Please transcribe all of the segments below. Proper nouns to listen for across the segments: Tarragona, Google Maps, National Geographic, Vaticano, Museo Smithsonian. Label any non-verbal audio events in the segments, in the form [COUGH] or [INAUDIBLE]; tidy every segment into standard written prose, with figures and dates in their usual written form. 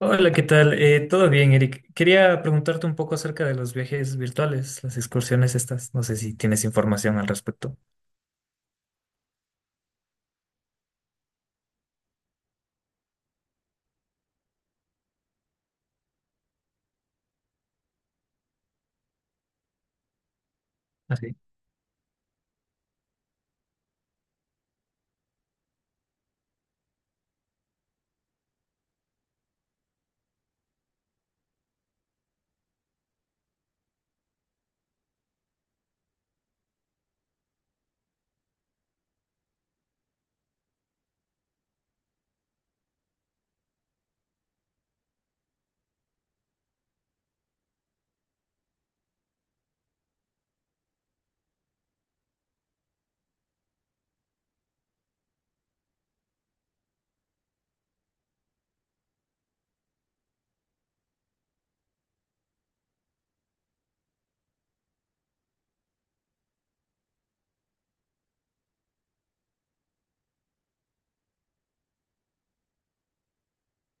Hola, ¿qué tal? Todo bien, Eric. Quería preguntarte un poco acerca de los viajes virtuales, las excursiones estas. No sé si tienes información al respecto. Así.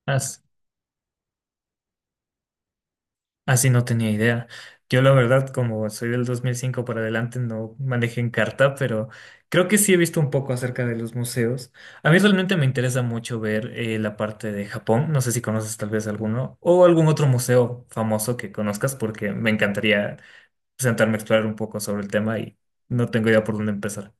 Así, así no tenía idea. Yo la verdad, como soy del 2005 para adelante, no manejé en carta, pero creo que sí he visto un poco acerca de los museos. A mí realmente me interesa mucho ver la parte de Japón. No sé si conoces tal vez alguno o algún otro museo famoso que conozcas, porque me encantaría sentarme a explorar un poco sobre el tema y no tengo idea por dónde empezar.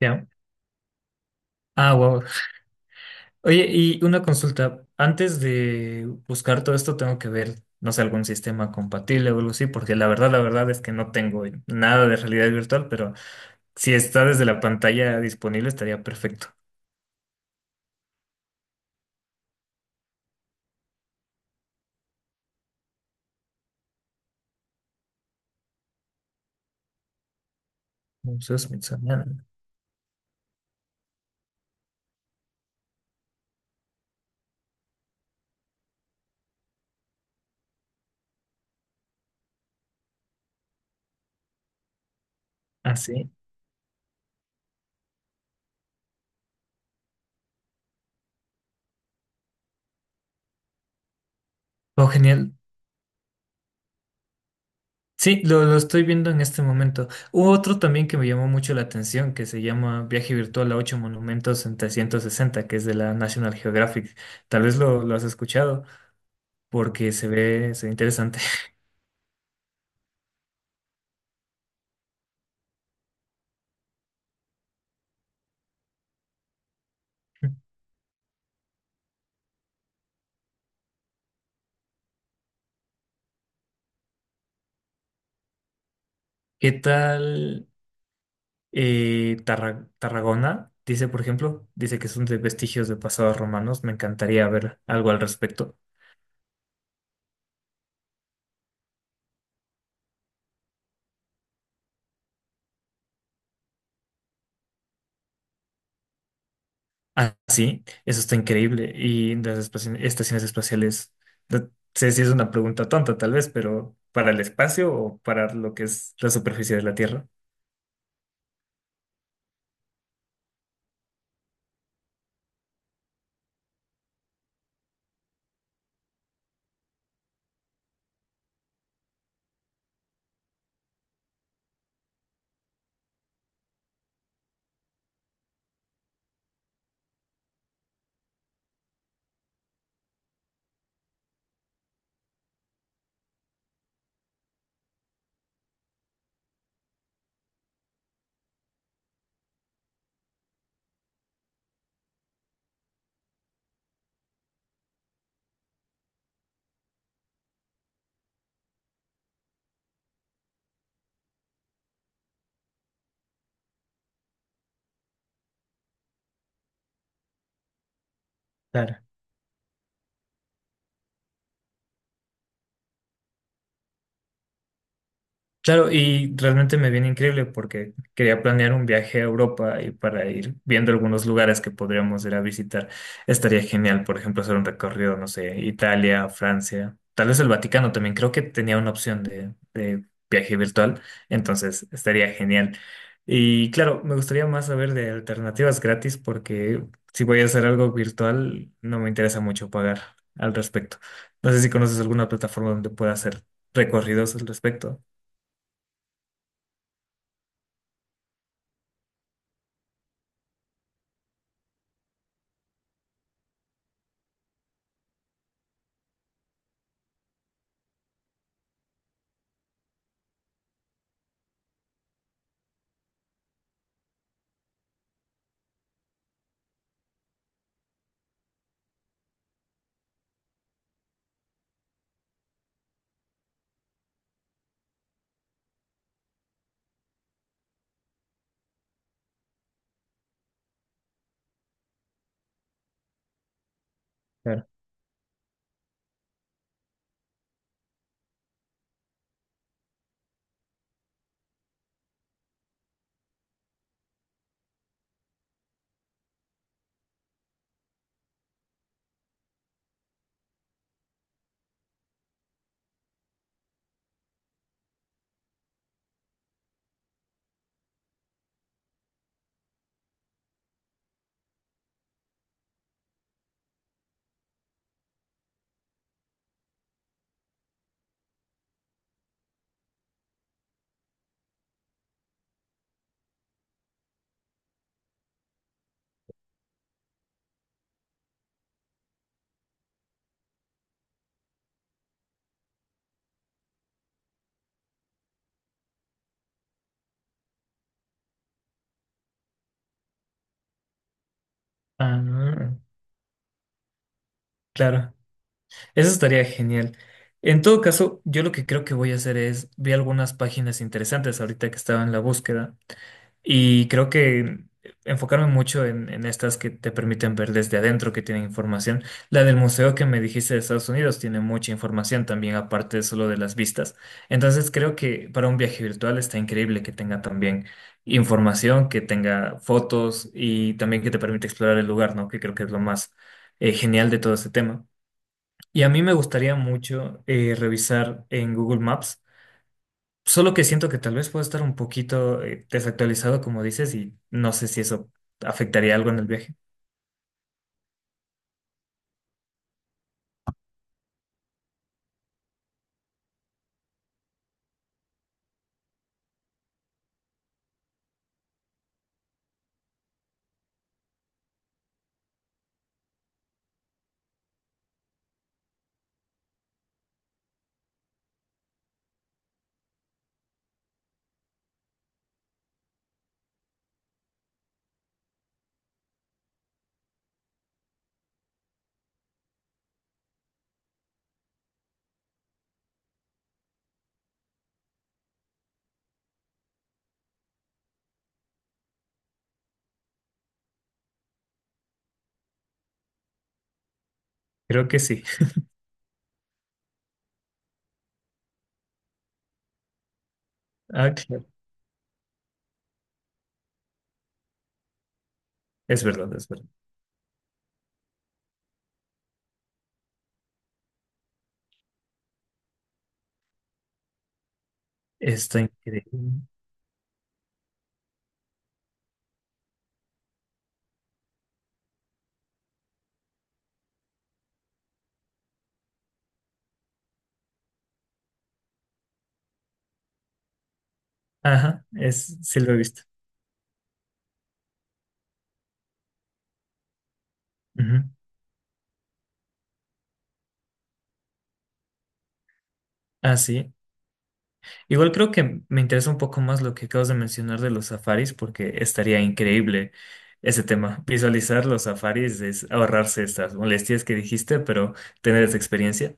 Ya. Ah, wow. Oye, y una consulta. Antes de buscar todo esto, tengo que ver, no sé, algún sistema compatible o algo así, porque la verdad es que no tengo nada de realidad virtual, pero si está desde la pantalla disponible, estaría perfecto. Museo Smithsonian. Ah, sí. Oh, genial. Sí, lo estoy viendo en este momento. Hubo otro también que me llamó mucho la atención, que se llama Viaje Virtual a ocho monumentos en 360, que es de la National Geographic. Tal vez lo has escuchado porque se ve interesante. ¿Qué tal Tarragona? Dice, por ejemplo, dice que son de vestigios de pasados romanos. Me encantaría ver algo al respecto. Ah, sí, eso está increíble. Y las estaciones espaciales, no sé si es una pregunta tonta tal vez, pero ¿para el espacio o para lo que es la superficie de la Tierra? Claro, y realmente me viene increíble porque quería planear un viaje a Europa y para ir viendo algunos lugares que podríamos ir a visitar. Estaría genial, por ejemplo, hacer un recorrido, no sé, Italia, Francia, tal vez el Vaticano también. Creo que tenía una opción de viaje virtual, entonces estaría genial. Y claro, me gustaría más saber de alternativas gratis porque si voy a hacer algo virtual, no me interesa mucho pagar al respecto. No sé si conoces alguna plataforma donde pueda hacer recorridos al respecto. Ah, claro, eso estaría genial. En todo caso, yo lo que creo que voy a hacer es, vi algunas páginas interesantes ahorita que estaba en la búsqueda y creo que enfocarme mucho en estas que te permiten ver desde adentro, que tienen información. La del museo que me dijiste de Estados Unidos tiene mucha información también, aparte solo de las vistas. Entonces creo que para un viaje virtual está increíble que tenga también información, que tenga fotos y también que te permite explorar el lugar, ¿no? Que creo que es lo más genial de todo este tema. Y a mí me gustaría mucho revisar en Google Maps. Solo que siento que tal vez puedo estar un poquito desactualizado, como dices, y no sé si eso afectaría algo en el viaje. Creo que sí. [LAUGHS] Ah, claro. Es verdad, es verdad. Está increíble. Ajá, es, sí lo he visto. Ujú. Ah, sí. Igual creo que me interesa un poco más lo que acabas de mencionar de los safaris, porque estaría increíble ese tema. Visualizar los safaris es ahorrarse estas molestias que dijiste, pero tener esa experiencia.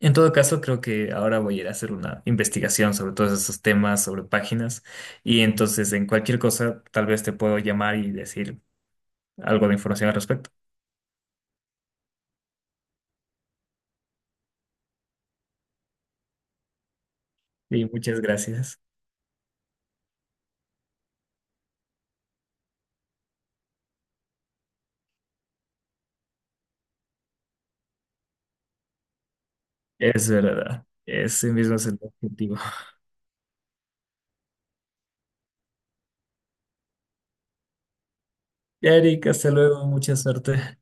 En todo caso, creo que ahora voy a ir a hacer una investigación sobre todos esos temas, sobre páginas, y entonces en cualquier cosa tal vez te puedo llamar y decir algo de información al respecto. Y muchas gracias. Es verdad, ese mismo es el objetivo. [LAUGHS] Erika, hasta luego, mucha suerte.